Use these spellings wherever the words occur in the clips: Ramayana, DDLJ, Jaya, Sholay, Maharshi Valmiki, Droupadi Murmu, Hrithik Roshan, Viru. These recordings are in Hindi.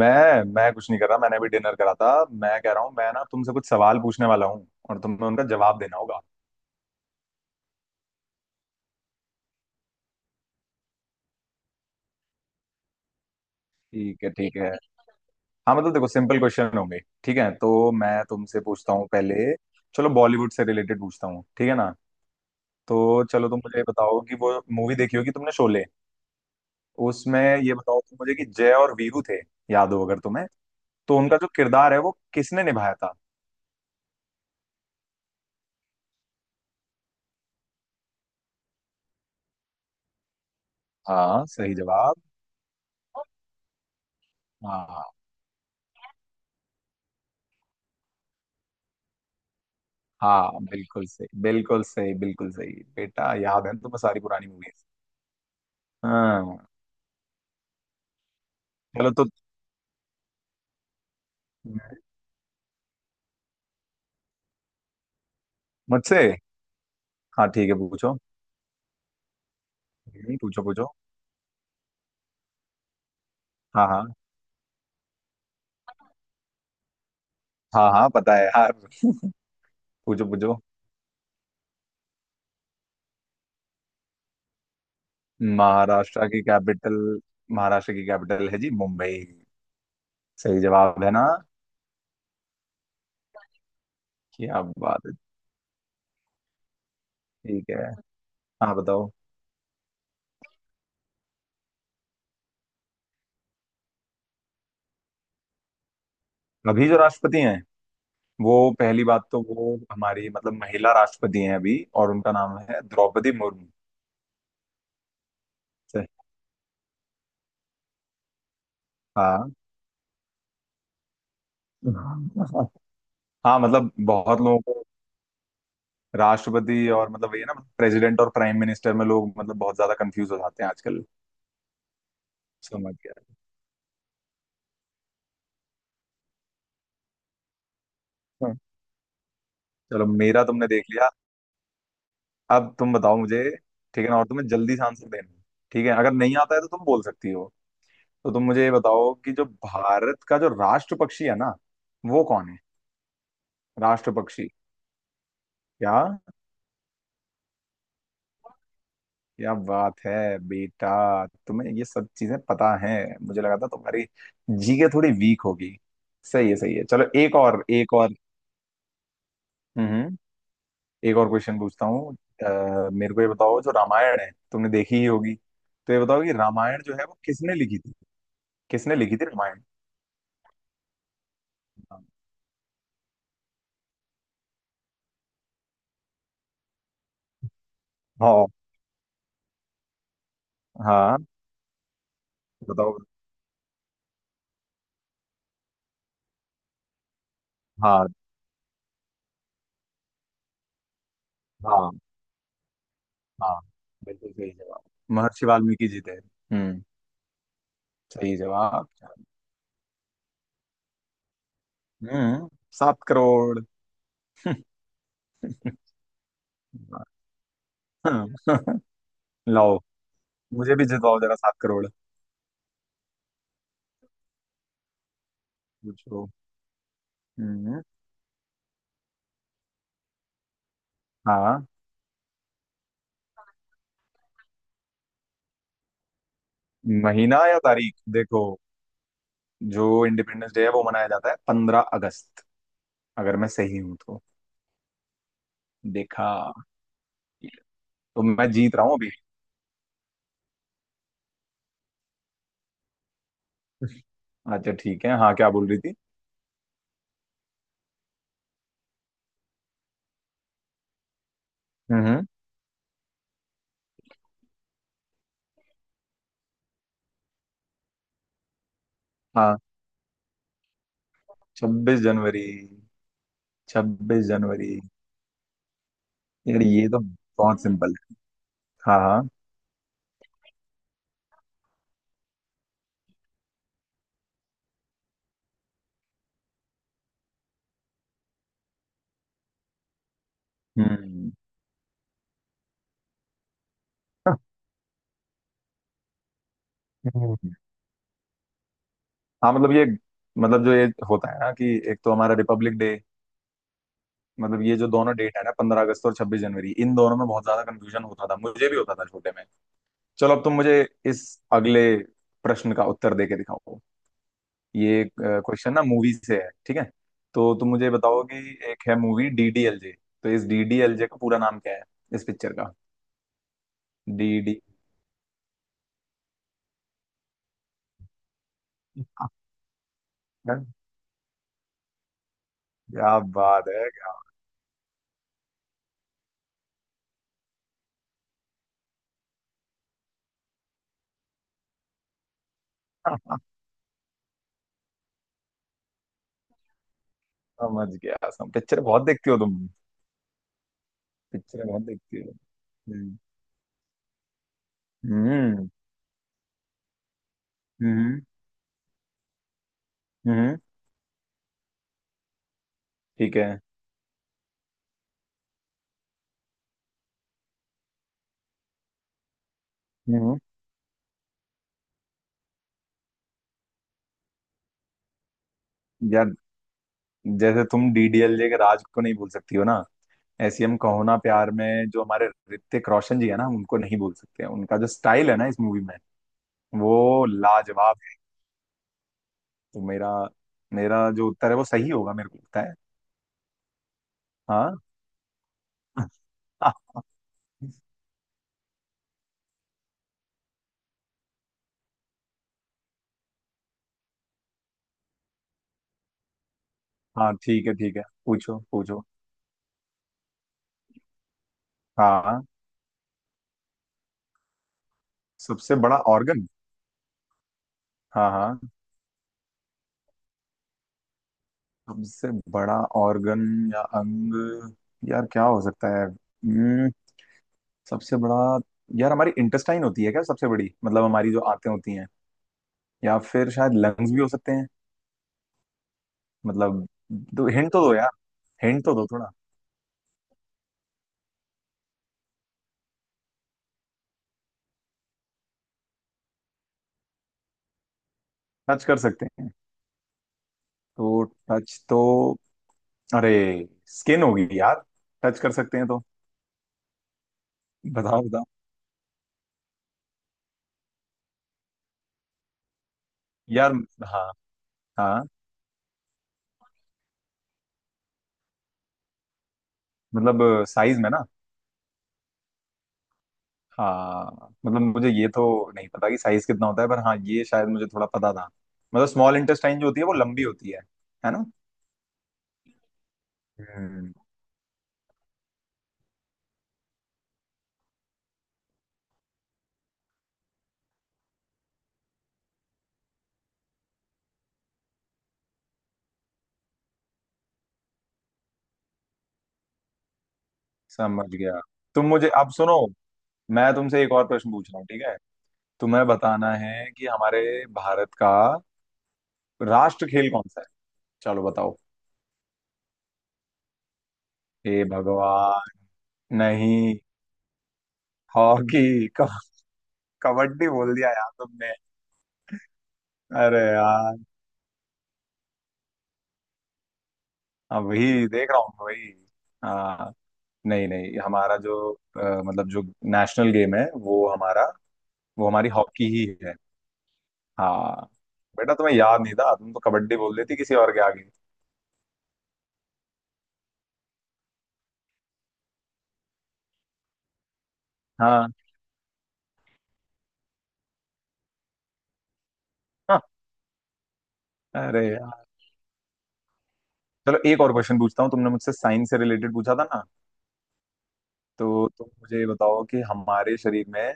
मैं कुछ नहीं कर रहा। मैंने अभी डिनर करा था। मैं कह रहा हूँ मैं ना तुमसे कुछ सवाल पूछने वाला हूँ और तुम्हें उनका जवाब देना होगा। ठीक है, ठीक, ठीक है। हाँ मतलब देखो सिंपल क्वेश्चन होंगे। ठीक है तो मैं तुमसे पूछता हूँ पहले। चलो बॉलीवुड से रिलेटेड पूछता हूँ, ठीक है ना। तो चलो तुम मुझे ये बताओ कि वो मूवी देखी होगी तुमने, शोले। उसमें ये बताओ तुम मुझे कि जय और वीरू थे, याद हो अगर तुम्हें, तो उनका जो किरदार है वो किसने निभाया था। हाँ, सही जवाब। हाँ हाँ बिल्कुल सही, बिल्कुल सही, बिल्कुल सही। बेटा याद है तुम्हें सारी पुरानी मूवीज। हाँ। चलो तो। मुझसे? हाँ ठीक है पूछो। पूछो पूछो। हाँ हाँ। हाँ हाँ पता है हाँ। पूछो पूछो। महाराष्ट्र की कैपिटल। महाराष्ट्र की कैपिटल है जी मुंबई। सही जवाब है ना। क्या बात है। ठीक है, हाँ बताओ। अभी जो राष्ट्रपति हैं, वो पहली बात तो वो हमारी मतलब महिला राष्ट्रपति हैं अभी, और उनका नाम है द्रौपदी मुर्मू। से- हाँ। हाँ मतलब बहुत लोगों को राष्ट्रपति और मतलब ये ना प्रेसिडेंट और प्राइम मिनिस्टर में लोग मतलब बहुत ज्यादा कंफ्यूज हो जाते हैं आजकल। समझ गया। हाँ। चलो मेरा तुमने देख लिया। अब तुम बताओ मुझे। ठीक है ना, और तुम्हें जल्दी से आंसर देना है, ठीक है। अगर नहीं आता है तो तुम बोल सकती हो। तो तुम मुझे ये बताओ कि जो भारत का जो राष्ट्र पक्षी है ना, वो कौन है। राष्ट्र पक्षी? क्या? क्या बात है। बेटा तुम्हें ये सब चीजें पता है। मुझे लगा था तुम्हारी जीके थोड़ी वीक होगी। सही है, सही है, चलो एक और, एक और। हम्म। एक और क्वेश्चन पूछता हूँ। मेरे को ये बताओ जो रामायण है तुमने देखी ही होगी। तो ये बताओ कि रामायण जो है वो किसने लिखी थी। किसने लिखी थी रामायण। हाँ। हाँ बताओ। हाँ। हाँ। हाँ बिल्कुल सही जवाब। महर्षि वाल्मीकि जी थे। हम्म। सही जवाब। हम्म। 7 करोड़। लाओ, मुझे भी जिताओ जरा 7 करोड़। पूछो। हम्म। हाँ। महीना या तारीख देखो। जो इंडिपेंडेंस डे है वो मनाया जाता है 15 अगस्त, अगर मैं सही हूं तो। देखा। तो मैं जीत रहा हूँ अभी। अच्छा ठीक है, हाँ क्या बोल रही थी। हम्म, हम्म। हाँ 26 जनवरी, 26 जनवरी। यार ये तो बहुत सिंपल है। हाँ हाँ। हम्म। हम्म। हाँ मतलब ये, मतलब जो ये होता है ना कि एक तो हमारा रिपब्लिक डे। मतलब ये जो दोनों डेट है ना, 15 अगस्त और 26 जनवरी, इन दोनों में बहुत ज्यादा कंफ्यूजन होता था, मुझे भी होता था छोटे में। चलो अब तुम मुझे इस अगले प्रश्न का उत्तर दे के दिखाओ। ये क्वेश्चन ना मूवी से है, ठीक है। तो तुम मुझे बताओ कि एक है मूवी डीडीएलजे, तो इस डीडीएलजे का पूरा नाम क्या है, इस पिक्चर का। डीडी। क्या बात है। क्या? समझ गया। सम पिक्चर बहुत देखती हो तुम। पिक्चर बहुत देखती हो। हम्म हम्म हम्म हम्म, ठीक है। हम्म हम्म, यार जैसे तुम डीडीएलजे के राज को नहीं भूल सकती हो ना, ऐसी हम कहो ना प्यार में जो हमारे ऋतिक रोशन जी है ना, हम उनको नहीं भूल सकते हैं। उनका जो स्टाइल है ना इस मूवी में, वो लाजवाब है। तो मेरा, मेरा जो उत्तर है वो सही होगा मेरे को लगता है। हाँ। हाँ ठीक है, ठीक है, पूछो पूछो। हाँ। सबसे बड़ा ऑर्गन। हाँ हाँ। सबसे बड़ा ऑर्गन या अंग, यार क्या हो सकता है। सबसे बड़ा। यार हमारी इंटेस्टाइन होती है क्या सबसे बड़ी, मतलब हमारी जो आंतें होती हैं, या फिर शायद लंग्स भी हो सकते हैं, मतलब। तो हिंट तो दो यार, हिंट तो दो थोड़ा। टच कर सकते हैं, तो टच तो, अरे स्किन होगी यार, टच कर सकते हैं तो। बताओ बताओ। यार। हाँ। हाँ मतलब साइज में ना। हाँ मतलब मुझे ये तो नहीं पता कि साइज कितना होता है, पर हाँ ये शायद मुझे थोड़ा पता था। मतलब स्मॉल इंटेस्टाइन जो होती है वो लंबी होती है ना। हम्म। समझ गया। तुम मुझे अब सुनो, मैं तुमसे एक और प्रश्न पूछ रहा हूँ, ठीक है। तुम्हें बताना है कि हमारे भारत का राष्ट्र खेल कौन सा है। चलो बताओ। हे भगवान। नहीं। हॉकी। कबड्डी बोल दिया यार तुमने। अरे यार। अब वही देख रहा हूँ वही। हाँ। नहीं नहीं, हमारा जो मतलब जो नेशनल गेम है वो हमारा, वो हमारी हॉकी ही है। हाँ। बेटा तुम्हें याद नहीं था, तुम तो कबड्डी बोल देती किसी और के आगे। हाँ हाँ, अरे यार। चलो एक और क्वेश्चन पूछता हूँ। तुमने मुझसे साइंस से रिलेटेड पूछा था ना, तो तुम मुझे ये बताओ कि हमारे शरीर में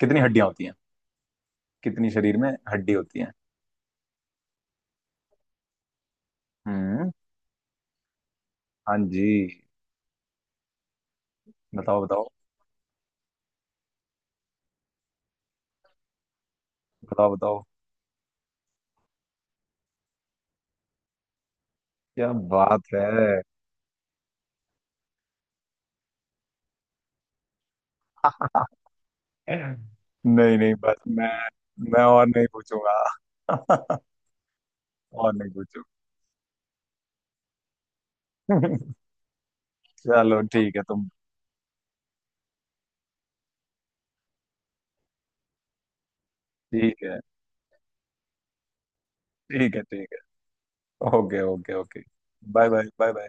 कितनी हड्डियां होती हैं। कितनी शरीर में हड्डी होती हैं। हम्म। हाँ जी। बताओ बताओ। बताओ बताओ। क्या बात है। नहीं नहीं बस मैं, और नहीं पूछूंगा। और नहीं पूछूंगा। चलो ठीक है तुम, ठीक है, ठीक है, ठीक है। Okay, okay, okay. Bye bye, bye bye.